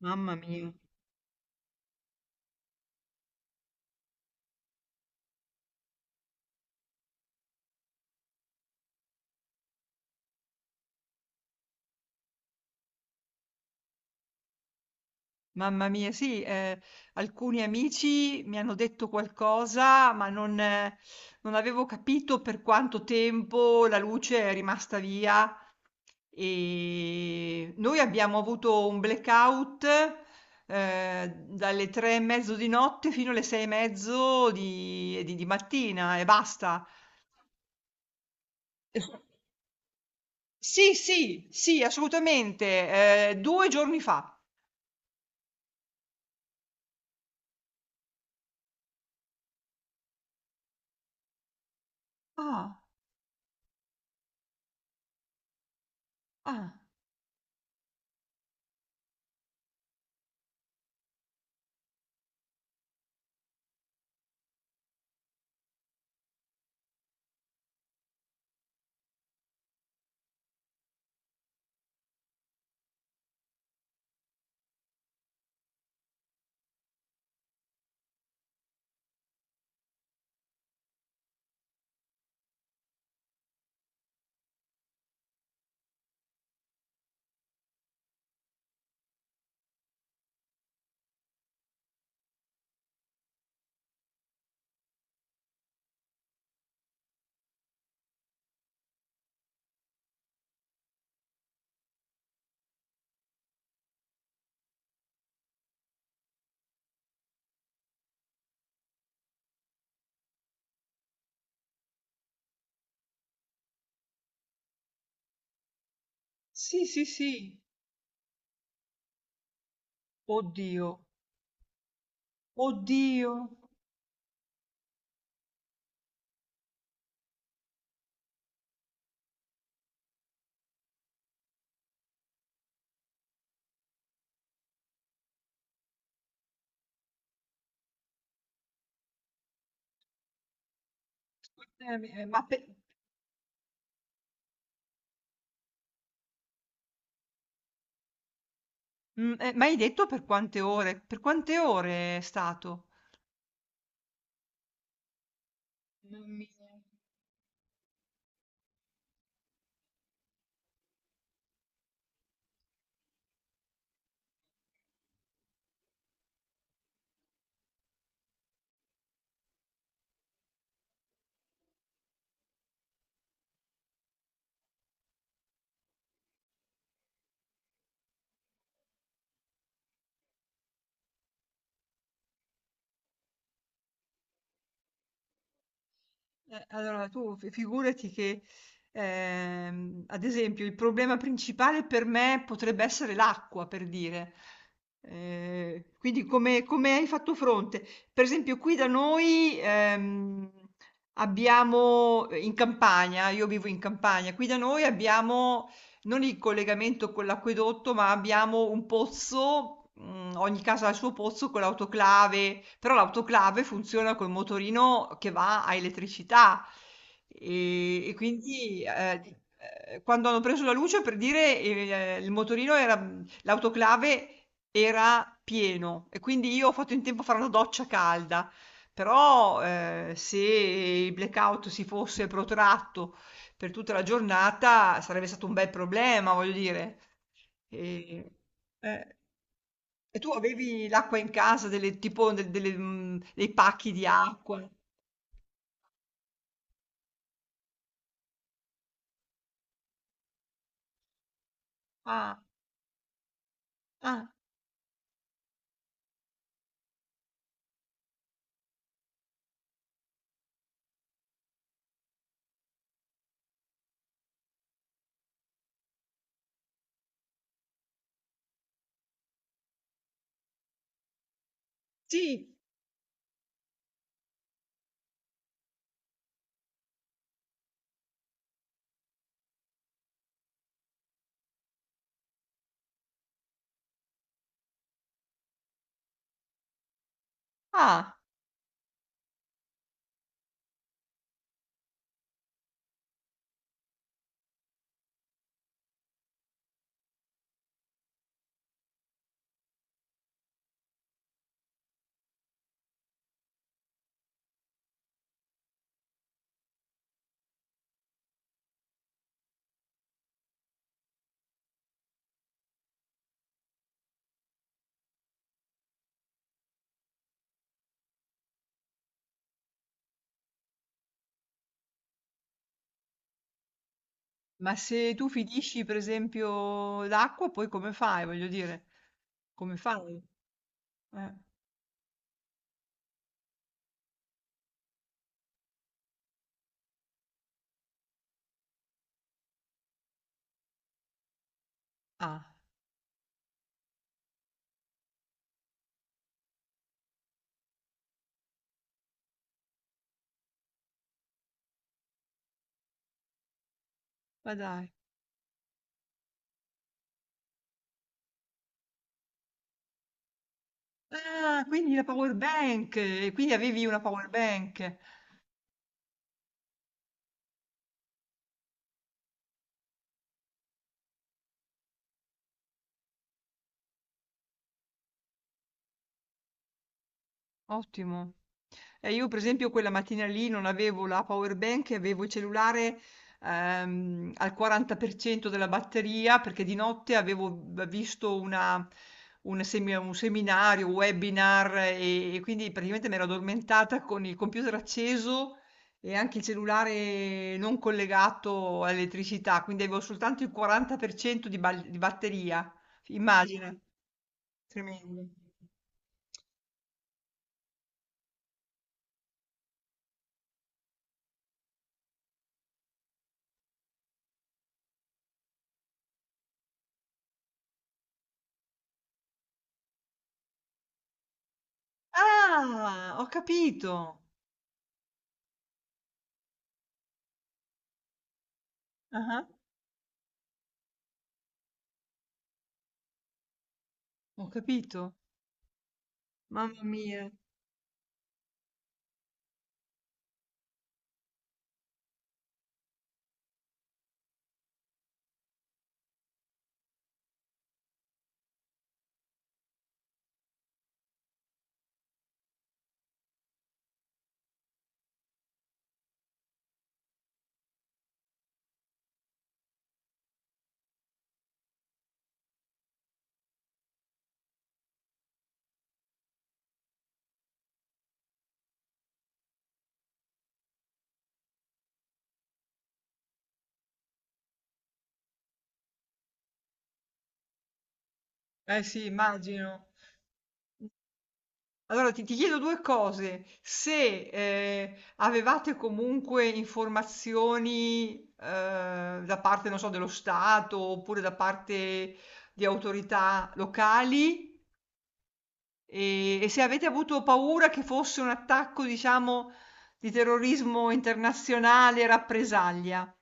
Mamma mia, mamma mia, sì, alcuni amici mi hanno detto qualcosa, ma non avevo capito per quanto tempo la luce è rimasta via e noi abbiamo avuto un blackout, dalle 3:30 di notte fino alle 6:30 di mattina e basta. Sì, sì, sì, assolutamente, 2 giorni fa. Ah, ah, sì, sì, sì. Oddio, oddio. Scusami, ma hai detto per quante ore? Per quante ore è stato? Non mi- Allora, tu figurati che, ad esempio, il problema principale per me potrebbe essere l'acqua, per dire. Quindi come hai fatto fronte? Per esempio, qui da noi, abbiamo, in campagna, io vivo in campagna, qui da noi abbiamo non il collegamento con l'acquedotto, ma abbiamo un pozzo, ogni casa ha il suo pozzo con l'autoclave, però l'autoclave funziona col motorino che va a elettricità e quindi quando hanno preso la luce per dire l'autoclave era pieno e quindi io ho fatto in tempo a fare una doccia calda. Però se il blackout si fosse protratto per tutta la giornata sarebbe stato un bel problema, voglio dire. E, eh, e tu avevi l'acqua in casa, delle, tipo delle, dei pacchi di acqua? Ah, ah, sì. Ah, ma se tu finisci per esempio l'acqua, poi come fai? Voglio dire, come fai? Eh, Ah, ma dai. Ah, quindi la power bank, e quindi avevi una power bank. Ottimo. Io per esempio quella mattina lì non avevo la power bank, e avevo il cellulare al 40% della batteria perché di notte avevo visto un seminario, un webinar e quindi praticamente mi ero addormentata con il computer acceso e anche il cellulare non collegato all'elettricità, quindi avevo soltanto il 40% di batteria. Immagina, tremendo. Ah, ho capito. Ah-ah, ho capito. Mamma mia. Eh sì, immagino. Allora ti chiedo due cose. Se avevate comunque informazioni da parte, non so, dello Stato oppure da parte di autorità locali e se avete avuto paura che fosse un attacco, diciamo, di terrorismo internazionale e rappresaglia.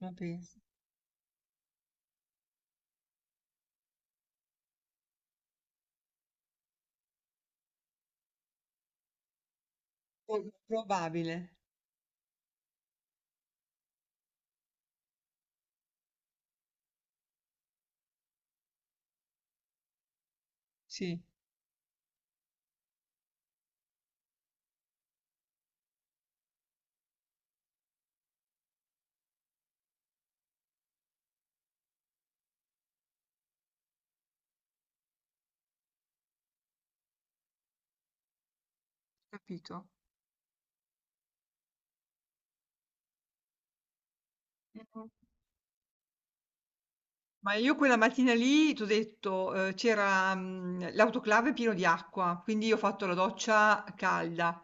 Ma pensa. Probabile, sì, capito. Mhm. Ma io quella mattina lì, t'ho detto, c'era l'autoclave pieno di acqua, quindi io ho fatto la doccia calda.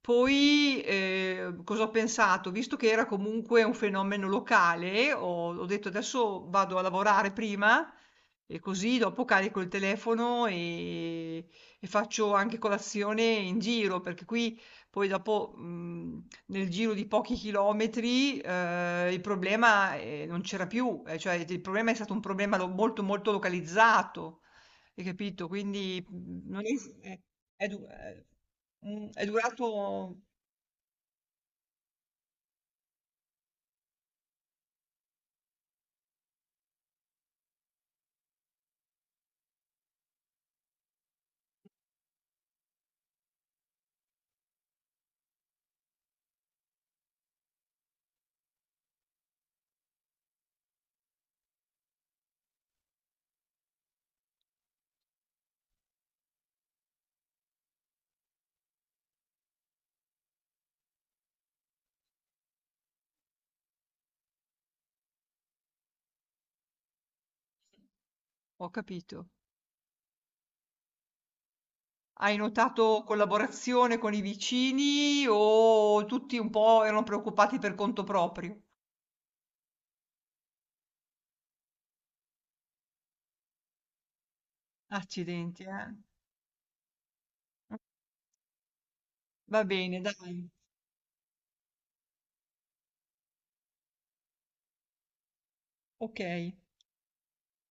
Poi cosa ho pensato? Visto che era comunque un fenomeno locale, ho detto adesso vado a lavorare prima e così dopo carico il telefono e faccio anche colazione in giro, perché qui poi dopo, nel giro di pochi chilometri, il problema, non c'era più, cioè il problema è stato un problema lo molto, molto localizzato, hai capito? Quindi, non es è du mhmm, è durato. Ho capito. Hai notato collaborazione con i vicini o tutti un po' erano preoccupati per conto proprio? Accidenti, eh. Va bene, dai. Okay.